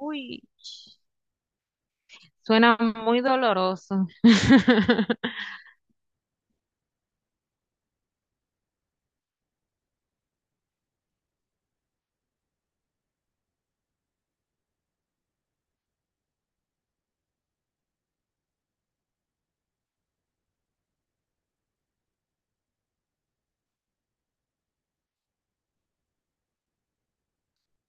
Uy, suena muy doloroso.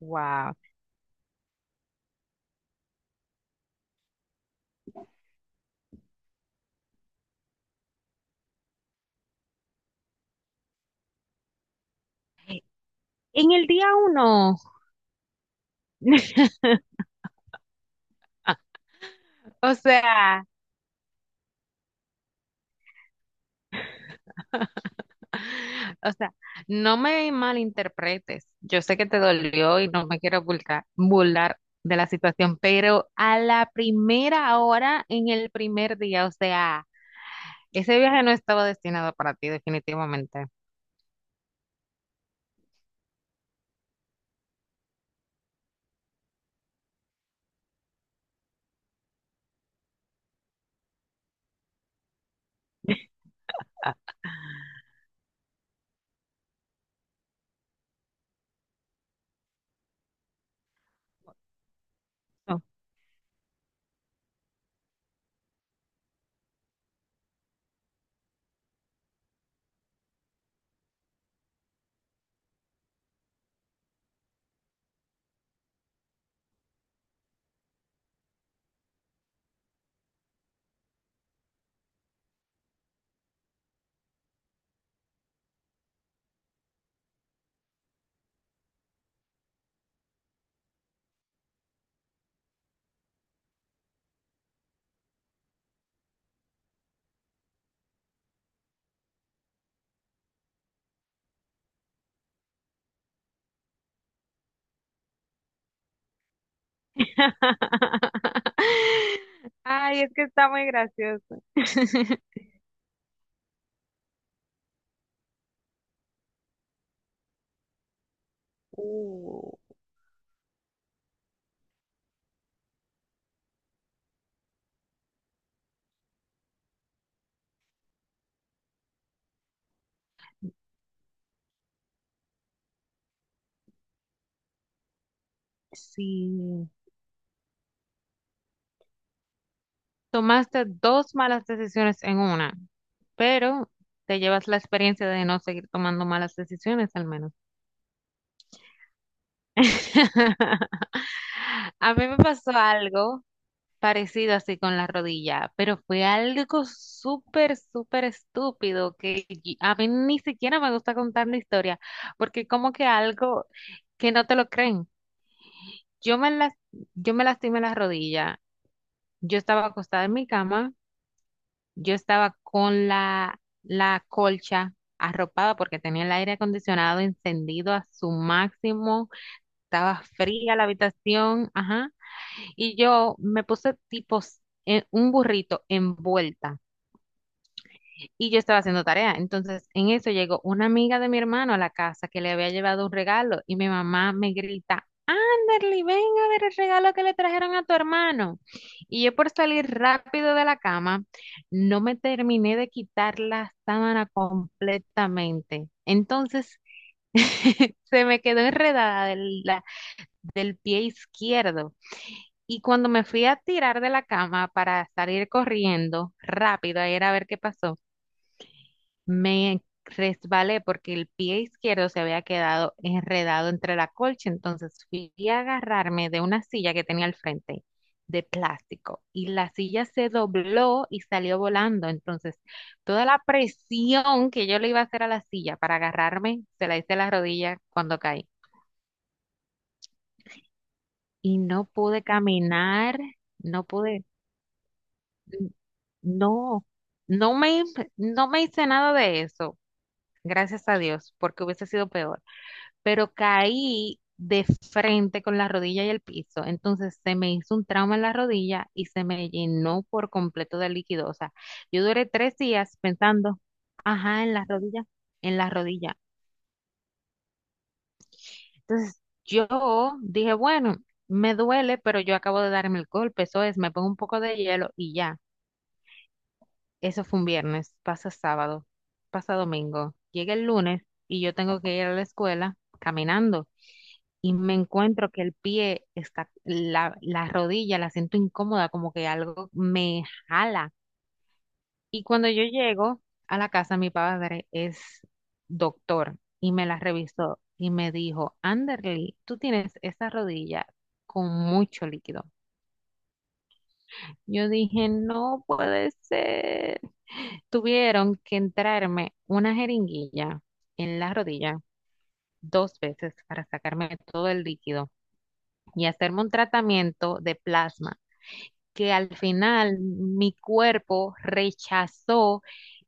Wow. ¿En el día uno? o sea, o sea, no me malinterpretes. Yo sé que te dolió y no me quiero burlar de la situación, pero a la primera hora, en el primer día, o sea, ese viaje no estaba destinado para ti, definitivamente. No. Ay, es que está muy gracioso. Uh. Si tomaste dos malas decisiones en una, pero te llevas la experiencia de no seguir tomando malas decisiones al menos. A mí me pasó algo parecido así con la rodilla, pero fue algo súper, súper estúpido a mí ni siquiera me gusta contar la historia, porque como que algo que no te lo creen. Yo me las, yo me lastimé la rodilla. Yo estaba acostada en mi cama. Yo estaba con la colcha arropada porque tenía el aire acondicionado encendido a su máximo, estaba fría la habitación, ajá, y yo me puse en un burrito envuelta y yo estaba haciendo tarea. Entonces, en eso llegó una amiga de mi hermano a la casa que le había llevado un regalo y mi mamá me grita, Kimberly, ven a ver el regalo que le trajeron a tu hermano. Y yo por salir rápido de la cama, no me terminé de quitar la sábana completamente. Entonces, se me quedó enredada del pie izquierdo. Y cuando me fui a tirar de la cama para salir corriendo rápido a ir a ver qué pasó, me resbalé porque el pie izquierdo se había quedado enredado entre la colcha, entonces fui a agarrarme de una silla que tenía al frente de plástico y la silla se dobló y salió volando, entonces toda la presión que yo le iba a hacer a la silla para agarrarme, se la hice a la rodilla cuando caí y no pude caminar, no pude, n- no, no me hice nada de eso, gracias a Dios, porque hubiese sido peor. Pero caí de frente con la rodilla y el piso. Entonces se me hizo un trauma en la rodilla y se me llenó por completo de líquido. O sea, yo duré 3 días pensando, ajá, en la rodilla, en la rodilla. Entonces yo dije, bueno, me duele, pero yo acabo de darme el golpe, eso es, me pongo un poco de hielo y ya. Eso fue un viernes, pasa sábado, pasa domingo, llega el lunes y yo tengo que ir a la escuela caminando. Y me encuentro que el pie está, la rodilla la siento incómoda, como que algo me jala. Y cuando yo llego a la casa, mi padre es doctor y me la revisó y me dijo, Anderly, tú tienes esa rodilla con mucho líquido. Yo dije, no puede ser. Tuvieron que entrarme una jeringuilla en la rodilla dos veces para sacarme todo el líquido y hacerme un tratamiento de plasma que al final mi cuerpo rechazó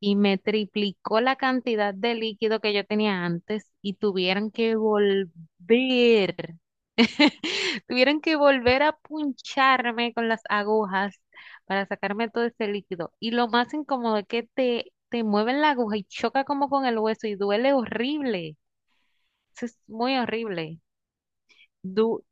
y me triplicó la cantidad de líquido que yo tenía antes y tuvieron que volver, tuvieron que volver a puncharme con las agujas para sacarme todo ese líquido. Y lo más incómodo es que te mueven la aguja y choca como con el hueso y duele horrible. Eso es muy horrible. Du-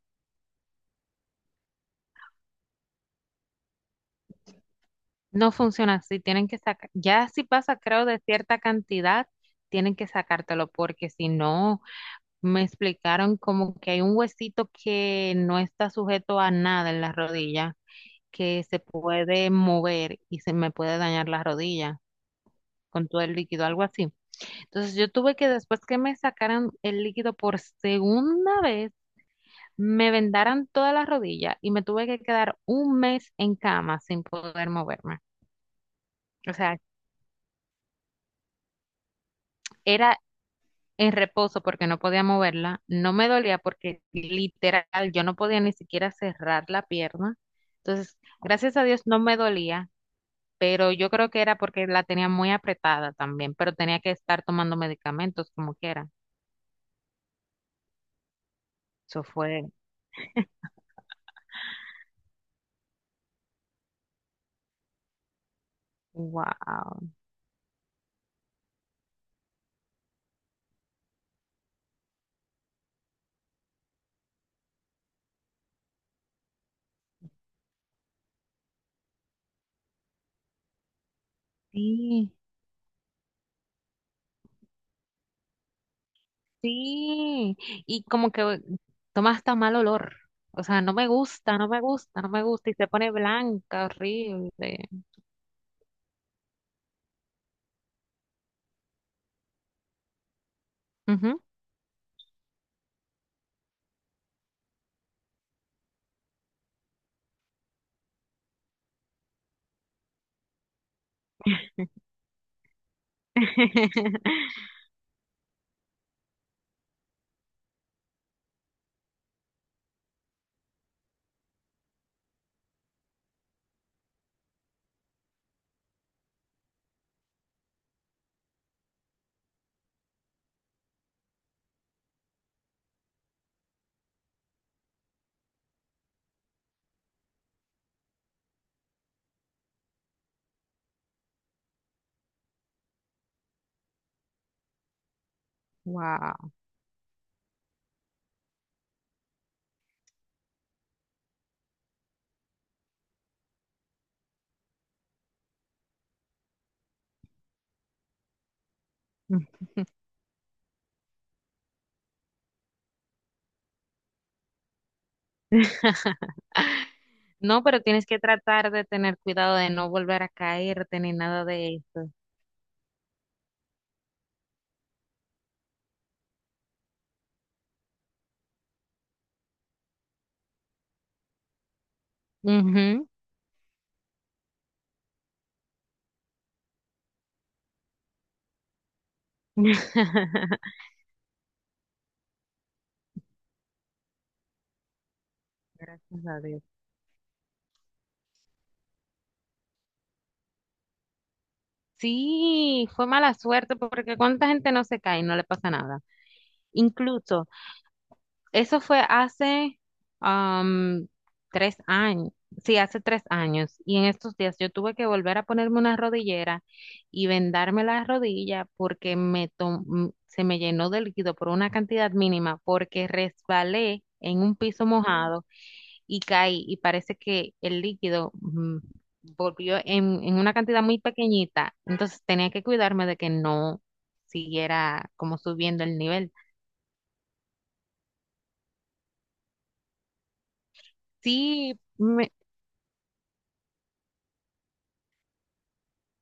No funciona así, tienen que sacar, ya si pasa, creo, de cierta cantidad, tienen que sacártelo, porque si no, me explicaron como que hay un huesito que no está sujeto a nada en la rodilla, que se puede mover y se me puede dañar la rodilla con todo el líquido, algo así. Entonces yo tuve que, después que me sacaran el líquido por segunda vez, me vendaran toda la rodilla y me tuve que quedar un mes en cama sin poder moverme. O sea, era en reposo porque no podía moverla, no me dolía porque literal yo no podía ni siquiera cerrar la pierna. Entonces, gracias a Dios no me dolía, pero yo creo que era porque la tenía muy apretada también, pero tenía que estar tomando medicamentos como quiera. Eso fue, wow, sí, sí. Y como que toma hasta mal olor. O sea, no me gusta, no me gusta, no me gusta. Y se pone blanca, horrible. Ujú. Wow. No, pero tienes que tratar de tener cuidado de no volver a caerte ni nada de eso. Ujú. Gracias a Dios. Sí, fue mala suerte porque cuánta gente no se cae y no le pasa nada. Incluso, eso fue hace am, 3 años, sí, hace 3 años. Y en estos días yo tuve que volver a ponerme una rodillera y vendarme la rodilla porque se me llenó de líquido por una cantidad mínima porque resbalé en un piso mojado y caí y parece que el líquido volvió en una cantidad muy pequeñita. Entonces tenía que cuidarme de que no siguiera como subiendo el nivel. Sí, me,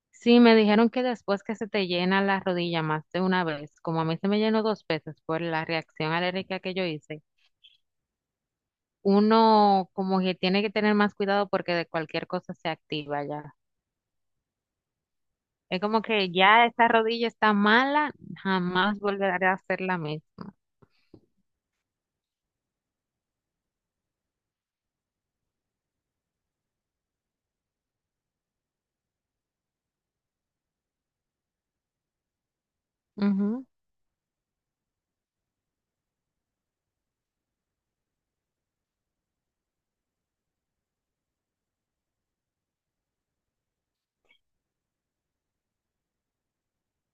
Sí, me dijeron que después que se te llena la rodilla más de una vez, como a mí se me llenó dos veces por la reacción alérgica que yo hice, uno como que tiene que tener más cuidado porque de cualquier cosa se activa ya. Es como que ya esa rodilla está mala, jamás volveré a hacer la misma. Ujú.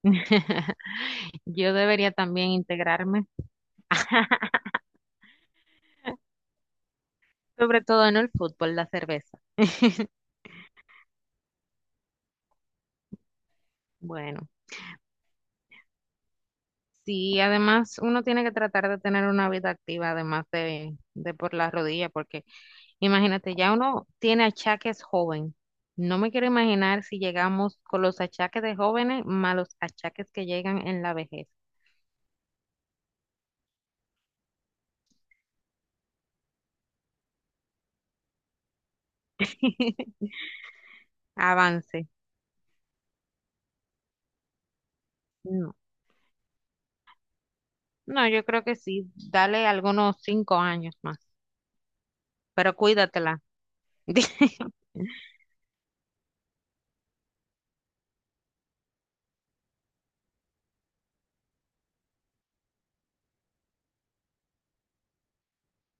Yo debería también integrarme, sobre todo en el fútbol, la cerveza. Bueno. Sí, además uno tiene que tratar de tener una vida activa, además de por las rodillas, porque imagínate, ya uno tiene achaques joven. No me quiero imaginar si llegamos con los achaques de jóvenes más los achaques que llegan en la vejez. Avance. No, no, yo creo que sí, dale algunos 5 años más, pero cuídatela.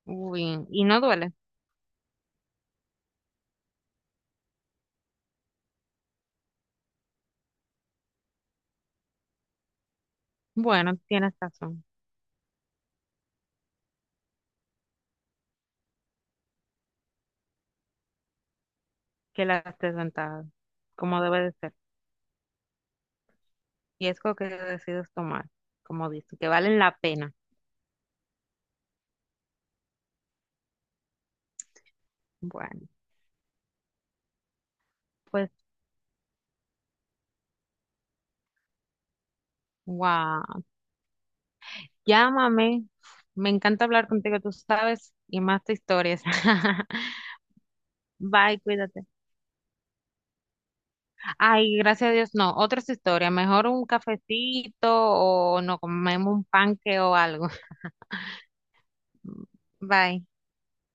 Uy, y no duele. Bueno, tienes razón, que las desventajas, como debe de ser. Riesgo que decides tomar, como dice, que valen la pena. Bueno, pues, wow. Llámame. Me encanta hablar contigo, tú sabes, y más de historias. Bye, cuídate. Ay, gracias a Dios, no, otras historias. Mejor un cafecito o no comemos un panque o algo. Bye.